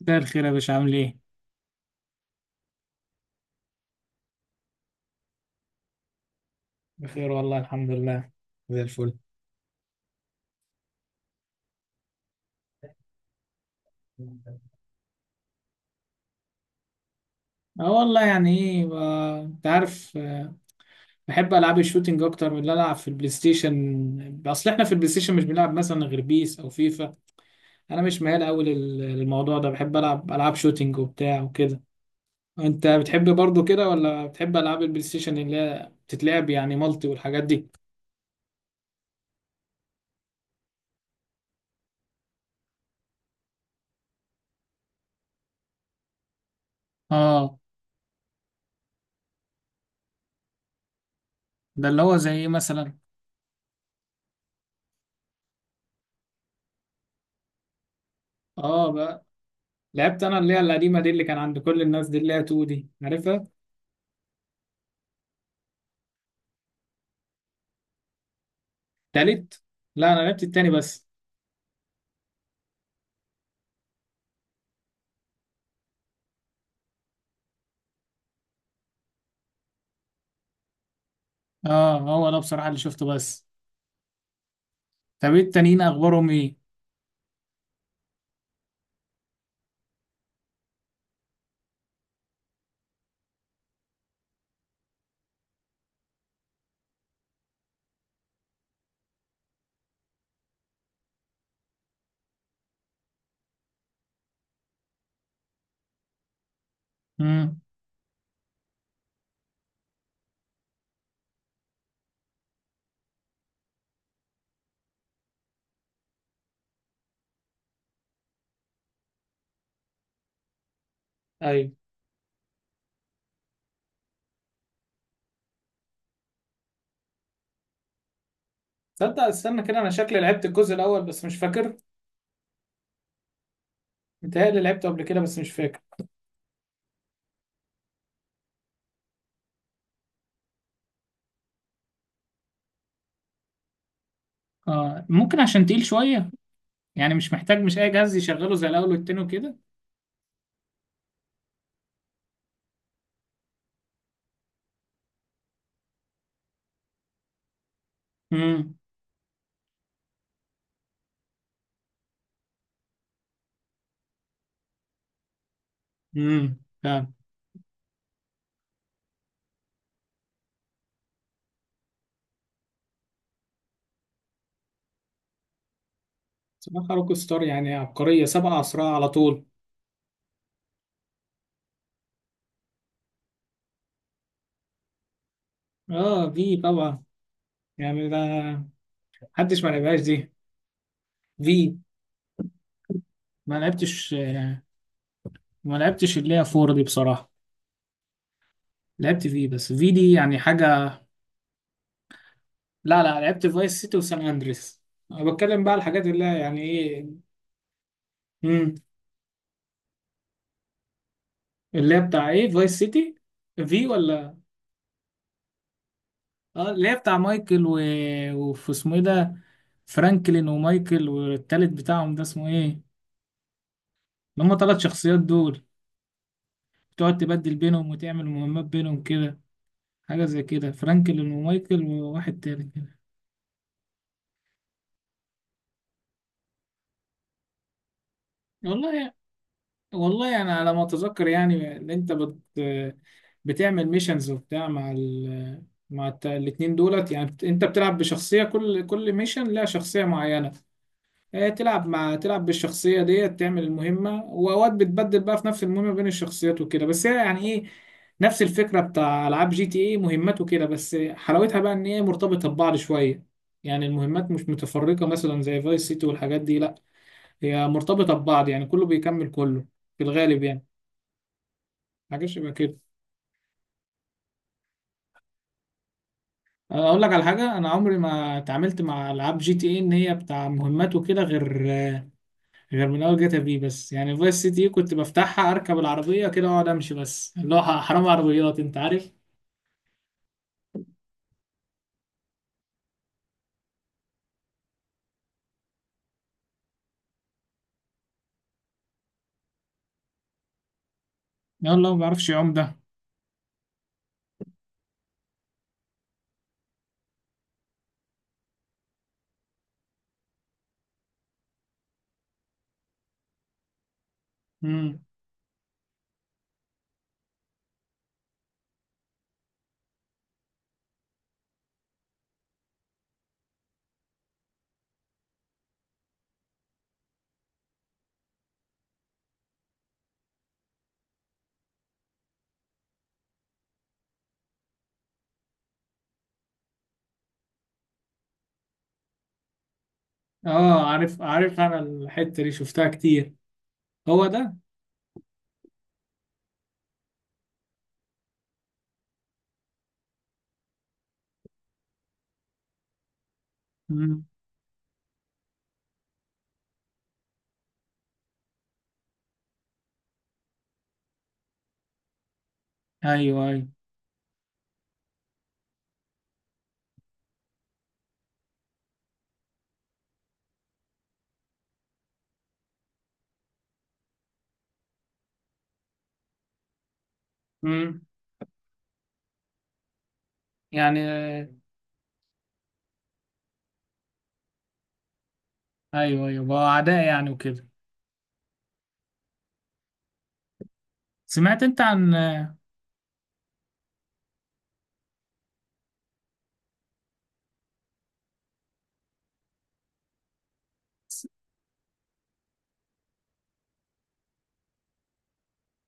ده الخير يا باشا، عامل ايه؟ بخير والله، الحمد لله. زي الفل. اه والله، يعني ايه انت عارف. بحب العاب الشوتينج اكتر من اللي العب في البلاي ستيشن. اصل احنا في البلاي ستيشن مش بنلعب مثلا غير بيس او فيفا. انا مش ميال قوي للموضوع ده، بحب العب العاب شوتينج وبتاع وكده. انت بتحب برضو كده، ولا بتحب العاب البلاي ستيشن اللي هي بتتلعب يعني مالتي والحاجات دي؟ اه. ده اللي هو زي ايه مثلا؟ اه، بقى لعبت انا اللي هي القديمه دي، اللي كان عند كل الناس دي، اللي هي 2 دي، عارفها؟ تالت. لا، انا لعبت التاني بس. اه، هو ده بصراحة اللي شفته بس. طب ايه التانيين، اخبارهم ايه؟ امم. ايوه. تصدق استنى كده، انا شكلي لعبت الجزء الاول بس مش فاكر. متهيألي لعبته قبل كده بس مش فاكر. اه، ممكن عشان تقيل شوية، يعني مش محتاج مش اي جهاز يشغله زي الاول والتاني وكده. امم. امم، فعلا. بصراحة روك ستار يعني عبقرية، سبع أسرع على طول. اه، في طبعا. يعني ده، محدش ما لعبهاش دي. في، ما لعبتش، ما لعبتش اللي هي فور دي بصراحة. لعبت في إيه بس في دي يعني حاجة. لا لا، لعبت فايس سيتي وسان اندريس. انا بتكلم بقى على الحاجات اللي هي يعني ايه. امم. اللي هي بتاع ايه، فايس سيتي؟ في، ولا؟ اه، اللي هي بتاع مايكل و... وفي اسمه ايه ده، فرانكلين ومايكل، والتالت بتاعهم ده اسمه ايه؟ اللي هم 3 شخصيات دول، بتقعد تبدل بينهم وتعمل مهمات بينهم كده. حاجة زي كده، فرانكلين ومايكل وواحد تاني كده. والله، والله انا على ما اتذكر يعني ان انت بتعمل ميشنز وبتاع مع ال، مع الاتنين دولت، يعني انت بتلعب بشخصية، كل ميشن لها شخصية معينة. تلعب بالشخصية ديت، تعمل المهمة، واوقات بتبدل بقى في نفس المهمة بين الشخصيات وكده، بس هي يعني ايه، نفس الفكرة بتاع العاب جي تي ايه، مهمات وكده، بس حلاوتها بقى ان هي مرتبطة ببعض شوية. يعني المهمات مش متفرقة مثلا زي فايس سيتي والحاجات دي، لا، هي مرتبطة ببعض، يعني كله بيكمل كله في الغالب يعني، حاجة شبه كده. أقول لك على حاجة، أنا عمري ما اتعاملت مع ألعاب جي تي إيه إن هي بتاع مهمات وكده، غير غير من أول جاتا في بس، يعني فايس سيتي إيه، كنت بفتحها أركب العربية كده وأقعد أمشي بس، اللي هو حرام عربيات، أنت عارف. يلا، ما بعرفش أعوم ده. امم. أه، عارف عارف، أنا الحتة دي شفتها كتير، هو ده. امم. أيوه أيوه. امم. يعني أيوه أيوه، بقى أعداء يعني وكده. سمعت أنت عن،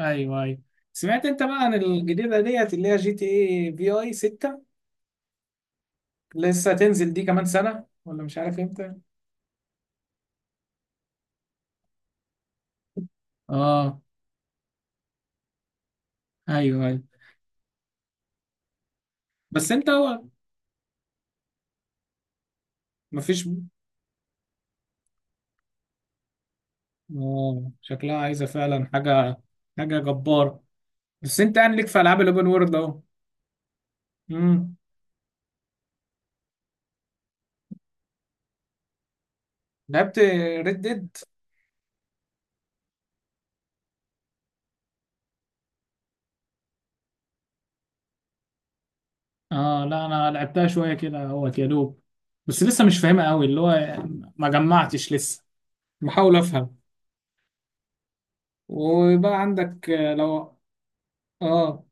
ايوه ايوه، سمعت انت بقى عن الجديده ديت اللي هي جي تي اي في اي 6؟ لسه هتنزل دي كمان سنه، ولا مش عارف امتى. اه، ايوه ايوه. بس انت هو، مفيش. اه، شكلها عايزه فعلا حاجه، حاجه جباره. بس انت يعني ليك في العاب الاوبن وورلد اهو. امم. لعبت ريد ديد. اه لا، انا لعبتها شويه كده اهوت، يا دوب، بس لسه مش فاهمها قوي اللي هو، ما جمعتش لسه، بحاول افهم، ويبقى عندك لو. اه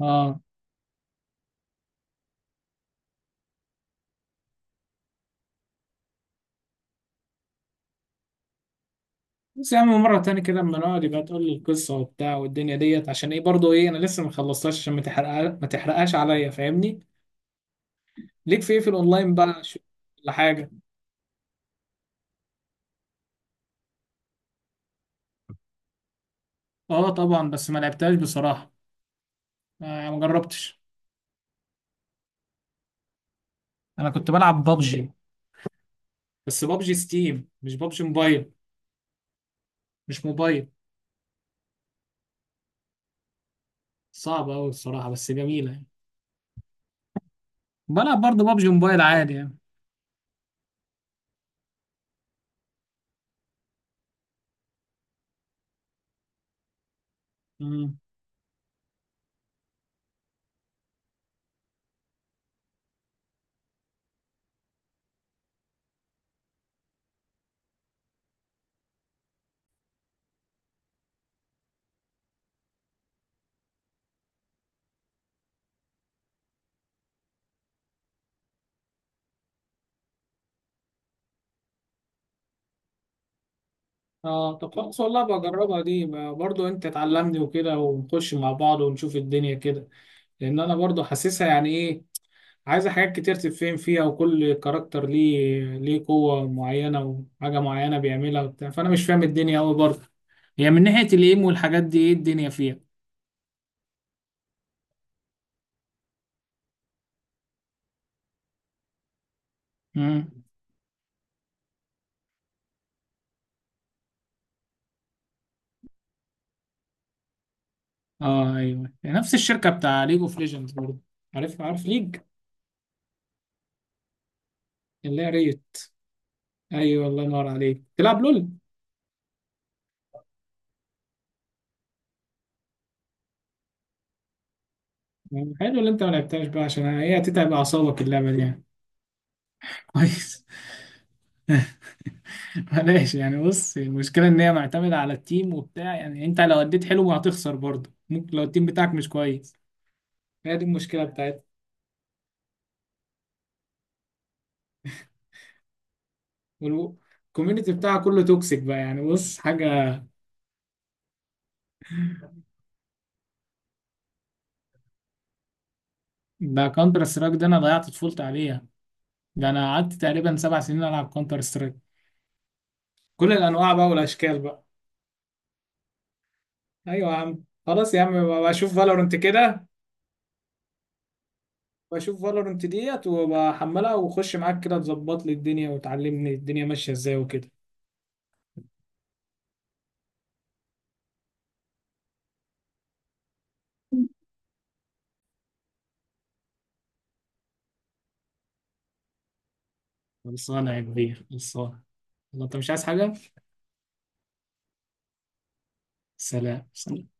اه. بس يا عم، مرة تاني كده اما نقعد، يبقى تقول لي القصة وبتاع والدنيا ديت، عشان ايه برضه، ايه انا لسه ما خلصتهاش، عشان ما تحرقها، ما تحرقهاش عليا، فاهمني. ليك في ايه في الاونلاين بقى؟ ولا حاجة. اه طبعا، بس ما لعبتهاش بصراحة. ما جربتش. انا كنت بلعب بابجي، بس بابجي ستيم مش بابجي موبايل، مش موبايل. صعبة قوي الصراحة بس جميلة يعني. بلعب برضه بابجي موبايل عادي يعني. مم. اه، طب خلاص، والله بجربها دي، برضه انت تعلمني وكده، ونخش مع بعض ونشوف الدنيا كده. لان انا برضو حاسسها يعني ايه، عايزه حاجات كتير تتفهم فيها، وكل كاركتر ليه قوه معينه وحاجه معينه بيعملها وبتاع، فانا مش فاهم الدنيا قوي برضو. هي من ناحيه الايم والحاجات دي ايه الدنيا فيها؟ امم. اه ايوه، نفس الشركه بتاع ليج اوف ليجندز برضو. عارف عارف ليج، اللي هي ريت. ايوه، الله ينور عليك، تلعب لول. يعني حلو اللي انت ما لعبتهاش بقى، عشان هي هتتعب اعصابك اللعبه دي يعني. كويس. بلاش يعني، بص، المشكلة إن هي معتمدة على التيم وبتاع، يعني أنت لو أديت حلو ما هتخسر برضه، ممكن لو التيم بتاعك مش كويس، هي دي المشكلة بتاعتها. والكوميونتي بتاعها كله توكسيك بقى، يعني بص حاجة. ده كونتر سترايك ده أنا ضيعت طفولتي عليها. ده أنا قعدت تقريبا 7 سنين ألعب كونتر سترايك، كل الأنواع بقى والأشكال بقى. أيوة يا عم، خلاص يا عم، بقى بشوف فالورنت كده، بشوف فالورنت ديت وبحملها، وخش معاك كده تظبط لي الدنيا وتعلمني الدنيا ماشية إزاي وكده. خلصانة يا كبير، خلصانة، والله انت مش عايز حاجة. سلام سلام.